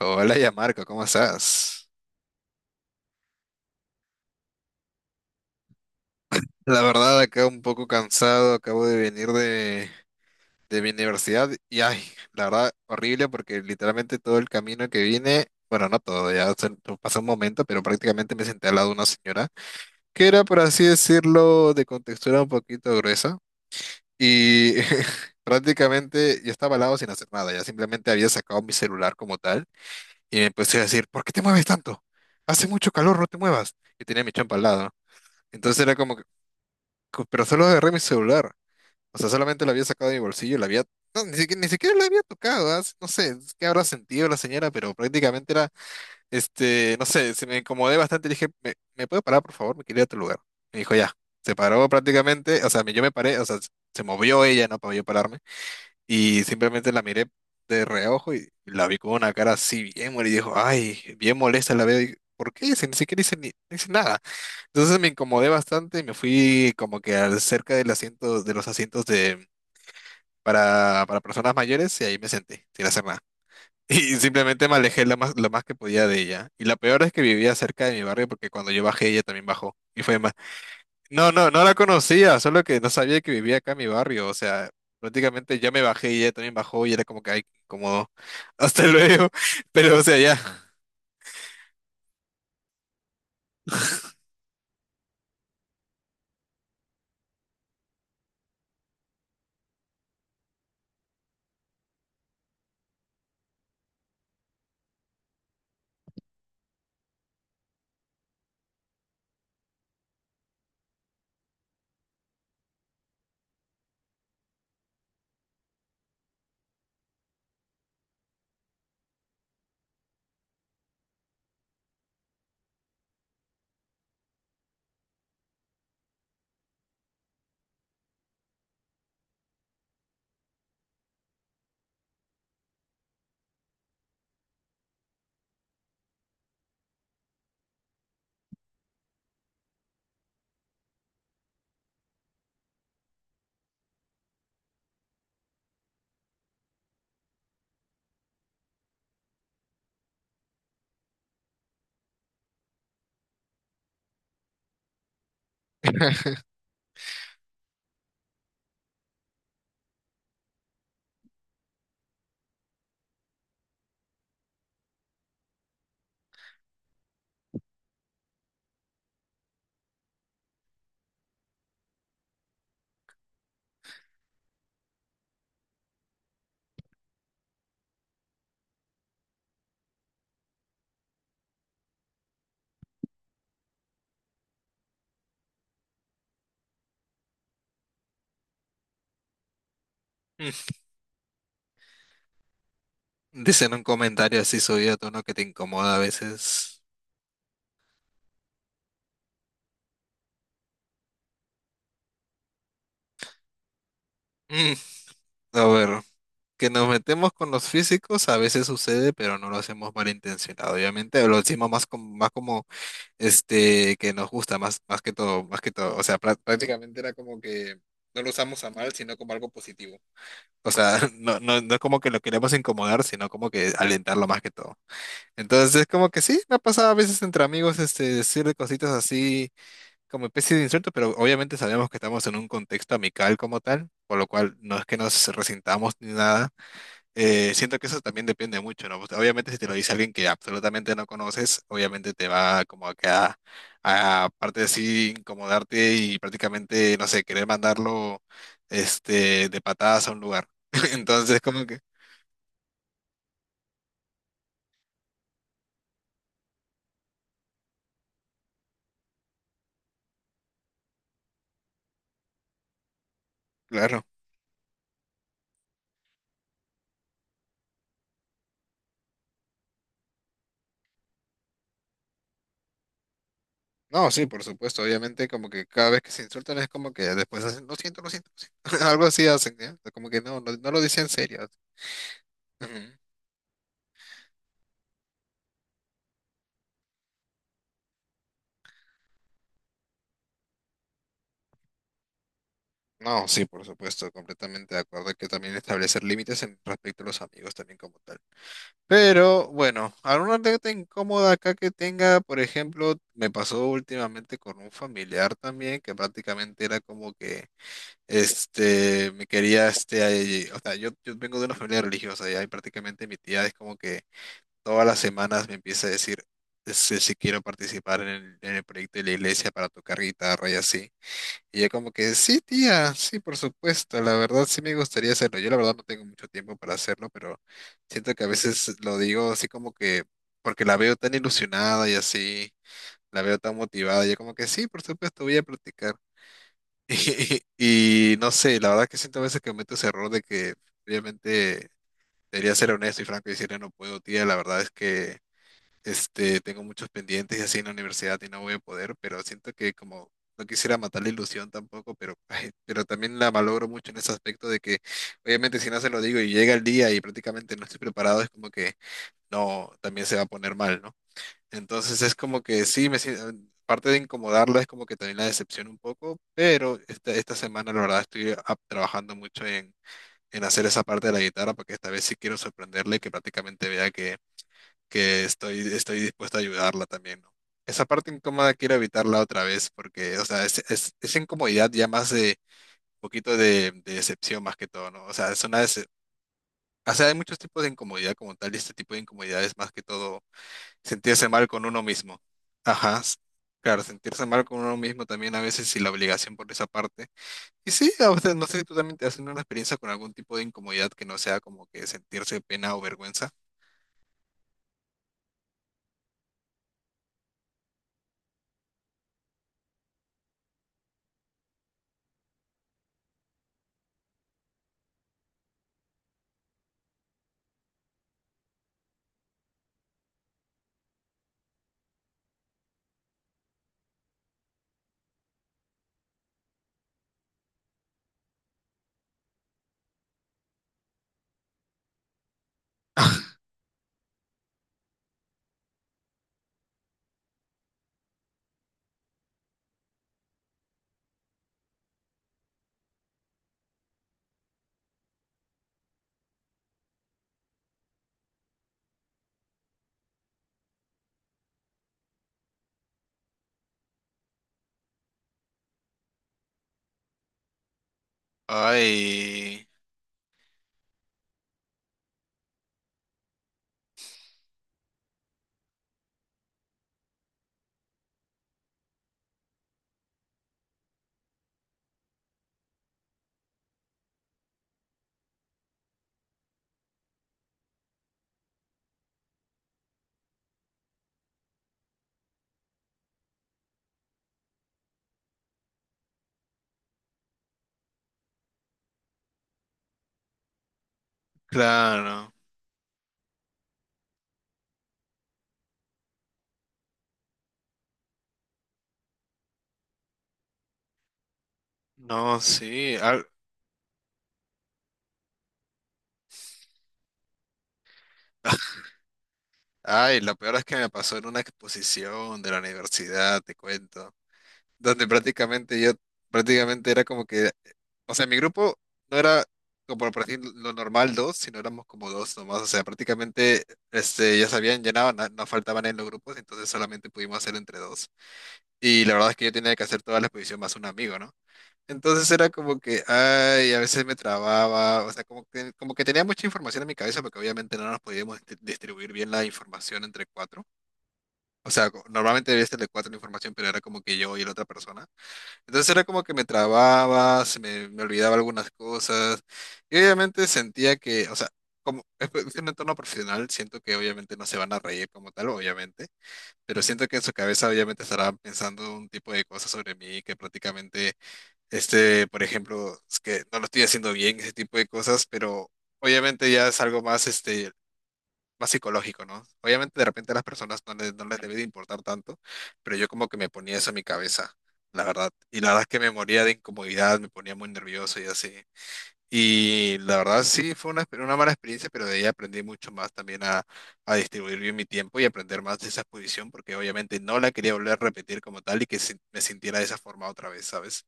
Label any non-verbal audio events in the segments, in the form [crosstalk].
Hola, ya Marco, ¿cómo estás? La verdad, acá un poco cansado, acabo de venir de mi universidad y, ay, la verdad, horrible porque literalmente todo el camino que vine, bueno, no todo, pasó un momento, pero prácticamente me senté al lado de una señora que era, por así decirlo, de contextura un poquito gruesa y [laughs] prácticamente yo estaba al lado sin hacer nada, ya simplemente había sacado mi celular como tal y me empecé a decir, ¿por qué te mueves tanto? Hace mucho calor, no te muevas. Y tenía mi chompa al lado, ¿no? Entonces era como que pero solo agarré mi celular. O sea, solamente la había sacado de mi bolsillo, la había. No, ni siquiera, ni siquiera la había tocado, ¿ah? No sé es qué habrá sentido la señora, pero prácticamente era, no sé, se me incomodé bastante. Le dije, ¿me puede parar, por favor? Me quiero ir a otro lugar. Me dijo, ya. Se paró prácticamente, o sea, yo me paré, o sea, se movió ella, ¿no? Para yo pararme. Y simplemente la miré de reojo y la vi con una cara así bien molesta. Y dijo, ay, bien molesta la veo. Y ¿por qué? Si ni siquiera hice, ni, no hice nada. Entonces me incomodé bastante y me fui como que cerca del asiento, de los asientos de, para personas mayores y ahí me senté, sin hacer nada. [laughs] Y simplemente me alejé lo más que podía de ella. Y la peor es que vivía cerca de mi barrio porque cuando yo bajé, ella también bajó. Y fue más. No, no, no la conocía, solo que no sabía que vivía acá en mi barrio, o sea, prácticamente ya me bajé y ella también bajó y era como que, ay, qué incómodo, [laughs] hasta luego, pero o sea, ya, mm, dicen un comentario así subido a tono que te incomoda a veces. Mm, A ver, que nos metemos con los físicos a veces sucede, pero no lo hacemos malintencionado, obviamente, lo decimos más como, que nos gusta, más que todo, o sea, prácticamente era como que no lo usamos a mal, sino como algo positivo. O sea, [laughs] no, no, no es como que lo queremos incomodar, sino como que alentarlo más que todo. Entonces es como que sí, me ha pasado a veces entre amigos decir cositas así como especie de insulto, pero obviamente sabemos que estamos en un contexto amical como tal, por lo cual no es que nos resintamos ni nada. Siento que eso también depende mucho, ¿no? Pues, obviamente si te lo dice alguien que absolutamente no conoces, obviamente te va como a que a, aparte de así incomodarte y prácticamente, no sé, querer mandarlo de patadas a un lugar. [laughs] Entonces, como que, claro. No, sí, por supuesto, obviamente como que cada vez que se insultan es como que después hacen, lo siento, lo siento, lo siento. [laughs] Algo así hacen, ¿ya? Como que no, no, no lo dicen en serio. Ujú. No, sí, por supuesto, completamente de acuerdo. Que también establecer límites en respecto a los amigos también como tal. Pero bueno, alguna anécdota incómoda acá que tenga, por ejemplo, me pasó últimamente con un familiar también que prácticamente era como que me quería o sea, yo vengo de una familia religiosa y ahí prácticamente mi tía es como que todas las semanas me empieza a decir si quiero participar en el proyecto de la iglesia para tocar guitarra y así. Y yo como que, sí, tía, sí, por supuesto, la verdad sí me gustaría hacerlo. Yo la verdad no tengo mucho tiempo para hacerlo, pero siento que a veces lo digo así como que, porque la veo tan ilusionada y así, la veo tan motivada, y yo como que, sí, por supuesto, voy a practicar. [laughs] Y, no sé, la verdad que siento a veces que cometo ese error de que obviamente debería ser honesto y franco y decirle, no puedo, tía, la verdad es que. Tengo muchos pendientes y así en la universidad y no voy a poder, pero siento que como no quisiera matar la ilusión tampoco, pero, [laughs] ay, pero también la valoro mucho en ese aspecto de que obviamente si no se lo digo y llega el día y prácticamente no estoy preparado, es como que no, también se va a poner mal, ¿no? Entonces es como que sí, me siento, parte de incomodarla es como que también la decepción un poco, pero esta semana la verdad estoy trabajando mucho en hacer esa parte de la guitarra porque esta vez sí quiero sorprenderle y que prácticamente vea que estoy dispuesto a ayudarla también, ¿no? Esa parte incómoda quiero evitarla otra vez porque, o sea, esa incomodidad ya más de un poquito de decepción más que todo, ¿no? O sea, o sea, hay muchos tipos de incomodidad como tal y este tipo de incomodidad es más que todo sentirse mal con uno mismo. Ajá. Claro, sentirse mal con uno mismo también a veces y la obligación por esa parte. Y sí, a veces, no sé si tú también te has tenido una experiencia con algún tipo de incomodidad que no sea como que sentirse pena o vergüenza. [laughs] Ay, claro. No, sí. Ay, lo peor es que me pasó en una exposición de la universidad, te cuento, donde prácticamente yo, prácticamente era como que, o sea, mi grupo no era como por decir lo normal dos, sino éramos como dos nomás, o sea, prácticamente, ya se habían llenado, no, faltaban en los grupos, entonces solamente pudimos hacer entre dos. Y la verdad es que yo tenía que hacer toda la exposición más un amigo, ¿no? Entonces era como que, ay, a veces me trababa, o sea, como que tenía mucha información en mi cabeza porque obviamente no nos podíamos distribuir bien la información entre cuatro. O sea, normalmente debía ser de cuatro la información, pero era como que yo y la otra persona. Entonces era como que me trababa, se me olvidaba algunas cosas y obviamente sentía que, o sea, como es pues, es un entorno profesional, siento que obviamente no se van a reír como tal, obviamente, pero siento que en su cabeza obviamente estarán pensando un tipo de cosas sobre mí que prácticamente por ejemplo, es que no lo estoy haciendo bien, ese tipo de cosas, pero obviamente ya es algo más, más psicológico, ¿no? Obviamente de repente a las personas no les debe de importar tanto, pero yo como que me ponía eso en mi cabeza, la verdad. Y la verdad es que me moría de incomodidad, me ponía muy nervioso y así. Y la verdad sí fue una mala experiencia, pero de ahí aprendí mucho más también a distribuir bien mi tiempo y aprender más de esa exposición, porque obviamente no la quería volver a repetir como tal y que me sintiera de esa forma otra vez, ¿sabes?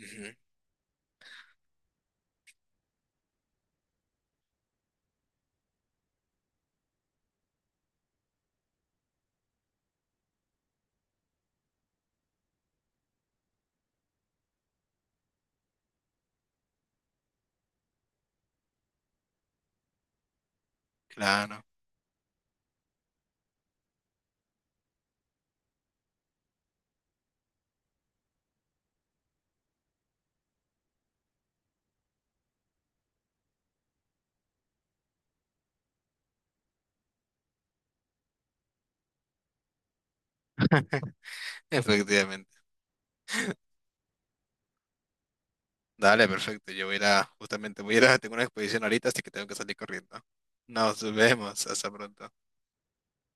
Ujú. Claro. Efectivamente. Dale, perfecto. Yo voy a ir a, justamente voy a ir a, tengo una expedición ahorita, así que tengo que salir corriendo. Nos vemos. Hasta pronto.